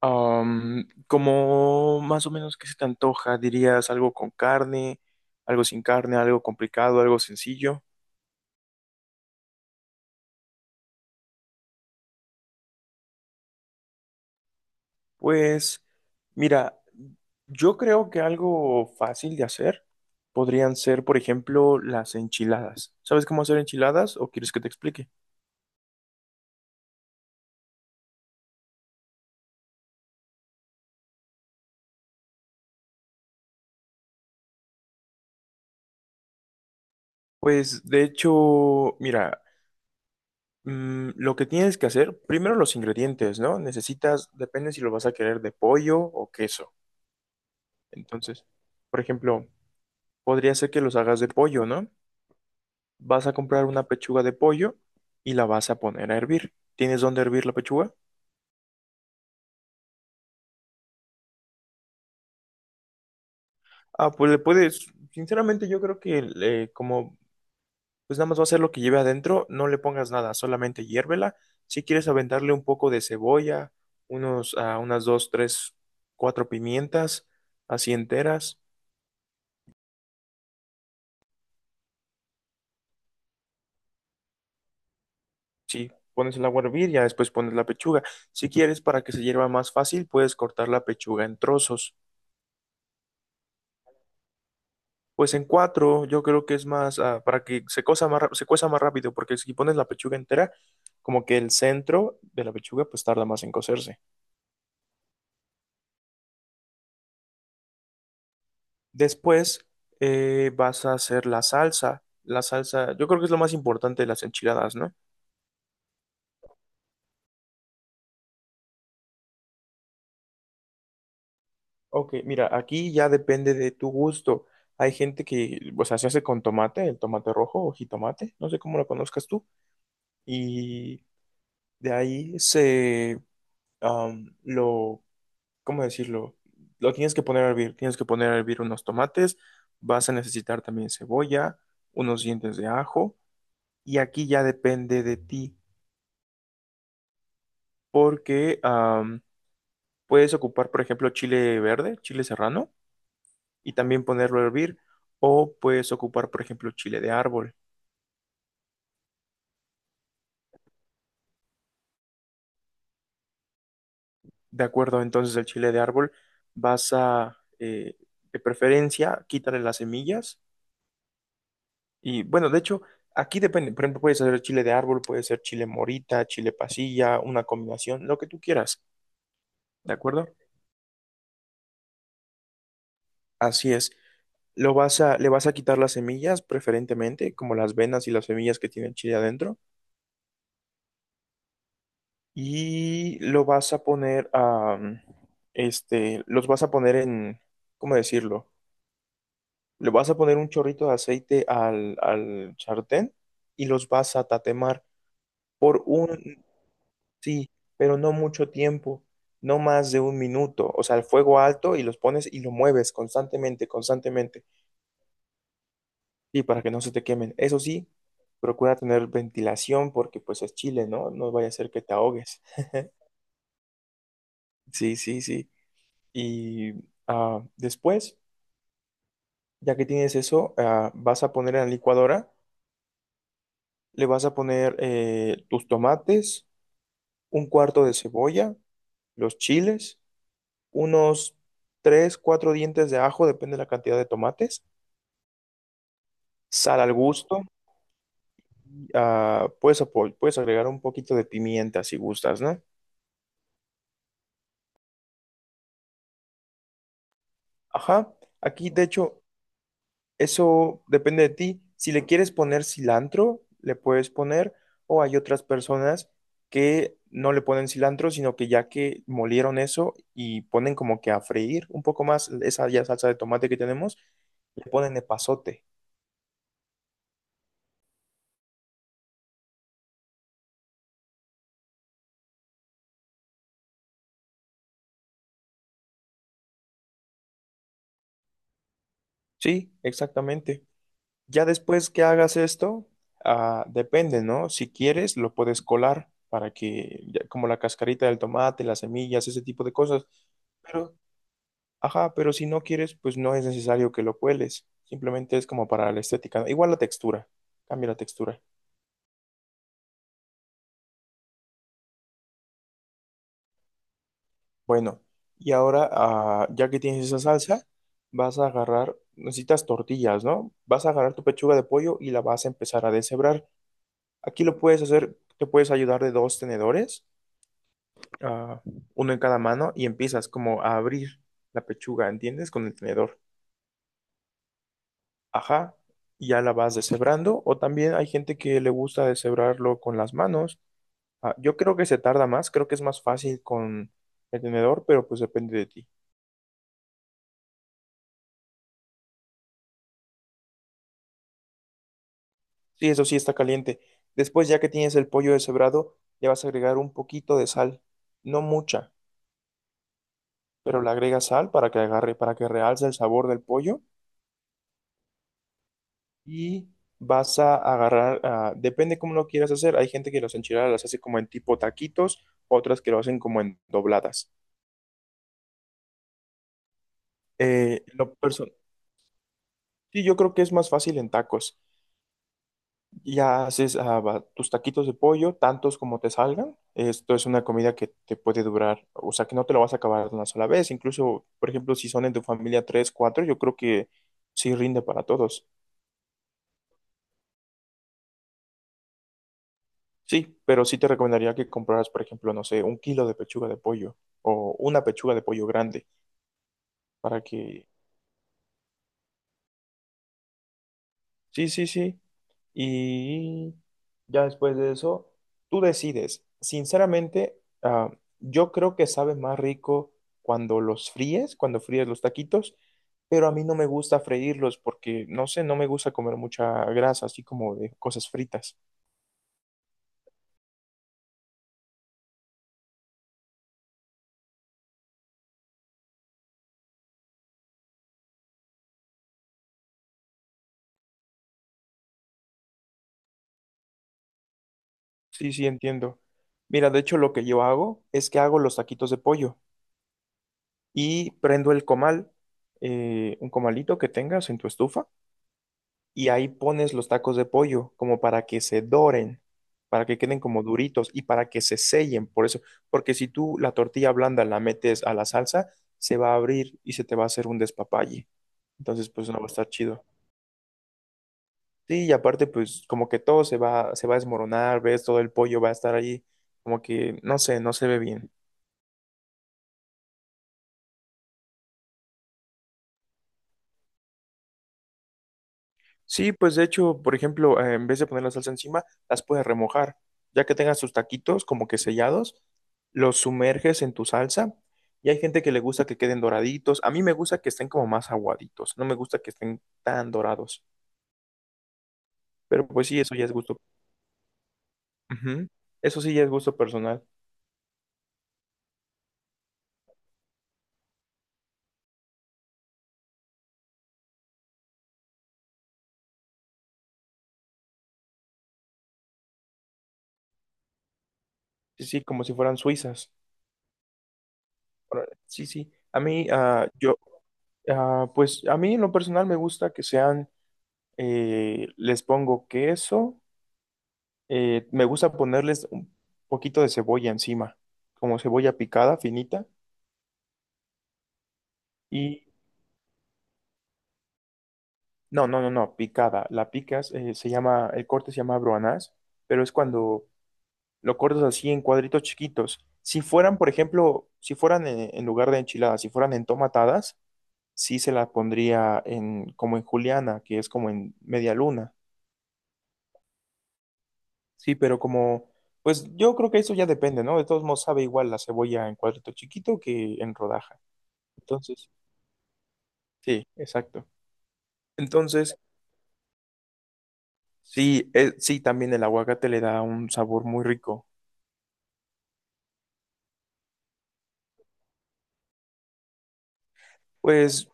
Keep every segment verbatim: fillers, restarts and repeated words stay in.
Am, como más o menos qué se te antoja, dirías algo con carne, algo sin carne, algo complicado, algo sencillo. Pues mira, yo creo que algo fácil de hacer podrían ser, por ejemplo, las enchiladas. ¿Sabes cómo hacer enchiladas o quieres que te explique? Pues de hecho, mira, mm, lo que tienes que hacer, primero los ingredientes, ¿no? Necesitas, depende si lo vas a querer de pollo o queso. Entonces, por ejemplo, podría ser que los hagas de pollo, ¿no? Vas a comprar una pechuga de pollo y la vas a poner a hervir. ¿Tienes dónde hervir la pechuga? Ah, pues le puedes, sinceramente yo creo que eh, como pues nada más va a ser lo que lleve adentro, no le pongas nada, solamente hiérvela. Si quieres aventarle un poco de cebolla, unos, ah, unas dos, tres, cuatro pimientas, así enteras. Sí, pones el agua a hervir, ya después pones la pechuga. Si quieres para que se hierva más fácil, puedes cortar la pechuga en trozos. Pues en cuatro yo creo que es más ah, para que se cosa más, ra- se cueza más rápido, porque si pones la pechuga entera, como que el centro de la pechuga pues tarda más en cocerse. Después eh, vas a hacer la salsa. La salsa, yo creo que es lo más importante de las enchiladas, ¿no? Ok, mira, aquí ya depende de tu gusto. Hay gente que, o sea, se hace con tomate, el tomate rojo o jitomate, no sé cómo lo conozcas tú. Y de ahí se am, lo ¿cómo decirlo? Lo tienes que poner a hervir, tienes que poner a hervir unos tomates, vas a necesitar también cebolla, unos dientes de ajo, y aquí ya depende de ti, porque am, puedes ocupar, por ejemplo, chile verde, chile serrano, y también ponerlo a hervir, o puedes ocupar, por ejemplo, chile de árbol. De acuerdo, entonces el chile de árbol vas a, eh, de preferencia, quítale las semillas. Y bueno, de hecho, aquí depende. Por ejemplo, puedes hacer chile de árbol, puede ser chile morita, chile pasilla, una combinación, lo que tú quieras. ¿De acuerdo? Así es. Lo vas a, le vas a quitar las semillas, preferentemente, como las venas y las semillas que tiene el chile adentro. Y lo vas a poner a, este, los vas a poner en, ¿cómo decirlo? Le vas a poner un chorrito de aceite al, al sartén y los vas a tatemar por un... Sí, pero no mucho tiempo, no más de un minuto. O sea, el fuego alto y los pones y lo mueves constantemente, constantemente. Y para que no se te quemen. Eso sí, procura tener ventilación porque pues es Chile, ¿no? No vaya a ser que te ahogues. Sí, sí, sí. Y ah, después, ya que tienes eso, ah, vas a poner en la licuadora, le vas a poner eh, tus tomates, un cuarto de cebolla, los chiles, unos tres, cuatro dientes de ajo, depende de la cantidad de tomates, sal al gusto, ah, puedes, apo- puedes agregar un poquito de pimienta si gustas, ¿no? Ajá, aquí de hecho, eso depende de ti. Si le quieres poner cilantro, le puedes poner, o hay otras personas que no le ponen cilantro, sino que ya que molieron eso y ponen como que a freír un poco más esa ya salsa de tomate que tenemos, le ponen epazote. Sí, exactamente. Ya después que hagas esto, ah, depende, ¿no? Si quieres, lo puedes colar para que, ya- como la cascarita del tomate, las semillas, ese tipo de cosas. Pero, ajá, pero si no quieres, pues no es necesario que lo cueles. Simplemente es como para la estética, ¿no? Igual la textura, cambia la textura. Bueno, y ahora, ah, ya que tienes esa salsa, vas a agarrar, necesitas tortillas, ¿no? Vas a agarrar tu pechuga de pollo y la vas a empezar a deshebrar. Aquí lo puedes hacer, te puedes ayudar de dos tenedores, ah, uno en cada mano y empiezas como a abrir la pechuga, ¿entiendes? Con el tenedor. Ajá, y ya la vas deshebrando. O también hay gente que le gusta deshebrarlo con las manos. Ah, yo creo que se tarda más, creo que es más fácil con el tenedor, pero pues depende de ti. Sí, eso sí está caliente. Después, ya que tienes el pollo deshebrado, le vas a agregar un poquito de sal. No mucha, pero le agregas sal para que agarre, para que realce el sabor del pollo. Y vas a agarrar, ah, depende cómo lo quieras hacer. Hay gente que los enchiladas las hace como en tipo taquitos, otras que lo hacen como en dobladas. Eh, lo perso- sí, yo creo que es más fácil en tacos. Ya haces ah, va- tus taquitos de pollo, tantos como te salgan. Esto es una comida que te puede durar, o sea, que no te lo vas a acabar de una sola vez. Incluso, por ejemplo, si son en tu familia tres, cuatro, yo creo que sí rinde para todos. Sí, pero sí te recomendaría que compraras, por ejemplo, no sé, un kilo de pechuga de pollo o una pechuga de pollo grande para que... Sí, sí, sí. Y ya después de eso, tú decides. Sinceramente, ah, yo creo que sabe más rico cuando los fríes, cuando fríes los taquitos, pero a mí no me gusta freírlos porque, no sé, no me gusta comer mucha grasa, así como de cosas fritas. Sí, sí, entiendo. Mira, de hecho lo que yo hago es que hago los taquitos de pollo. Y prendo el comal, eh, un comalito que tengas en tu estufa, y ahí pones los tacos de pollo como para que se doren, para que queden como duritos y para que se sellen, por eso, porque si tú la tortilla blanda la metes a la salsa, se va a abrir y se te va a hacer un despapalle. Entonces, pues no va a estar chido. Sí, y aparte, pues como que todo se va, se va a desmoronar, ves, todo el pollo va a estar ahí, como que, no sé, no se ve bien. Sí, pues de hecho, por ejemplo, eh, en vez de poner la salsa encima, las puedes remojar. Ya que tengas tus taquitos como que sellados, los sumerges en tu salsa. Y hay gente que le gusta que queden doraditos. A mí me gusta que estén como más aguaditos. No me gusta que estén tan dorados. Pero pues sí, eso ya es gusto. Ujú. Eso sí ya es gusto personal. Sí, sí, como si fueran suizas. Ahora, sí, sí. A mí, ah, yo, ah, pues a mí en lo personal me gusta que sean, eh, les pongo queso. Eh, me gusta ponerles un poquito de cebolla encima, como cebolla picada, finita. Y no, no, no, no, picada. La picas, eh, se llama, el corte se llama broanás, pero es cuando lo cortas así en cuadritos chiquitos. Si fueran, por ejemplo, si fueran en, en lugar de enchiladas, si fueran en tomatadas, sí se las pondría en, como en juliana, que es como en media luna. Sí, pero como, pues yo creo que eso ya depende, ¿no? De todos modos sabe igual la cebolla en cuadrito chiquito que en rodaja. Entonces. Sí, exacto. Entonces, sí, eh, sí, también el aguacate le da un sabor muy rico. Pues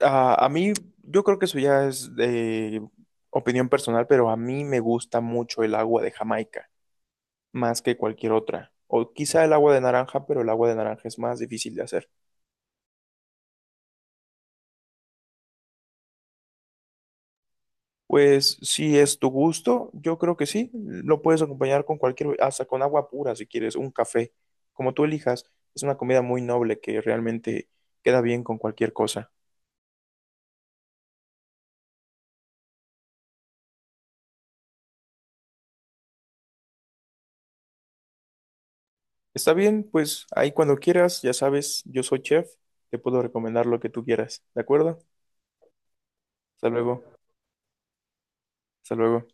a, a mí, yo creo que eso ya es de opinión personal, pero a mí me gusta mucho el agua de Jamaica, más que cualquier otra. O quizá el agua de naranja, pero el agua de naranja es más difícil de hacer. Pues si es tu gusto, yo creo que sí. Lo puedes acompañar con cualquier, hasta con agua pura si quieres, un café, como tú elijas. Es una comida muy noble que realmente queda bien con cualquier cosa. Está bien, pues ahí cuando quieras, ya sabes, yo soy chef, te puedo recomendar lo que tú quieras, ¿de acuerdo? Hasta luego, hasta luego.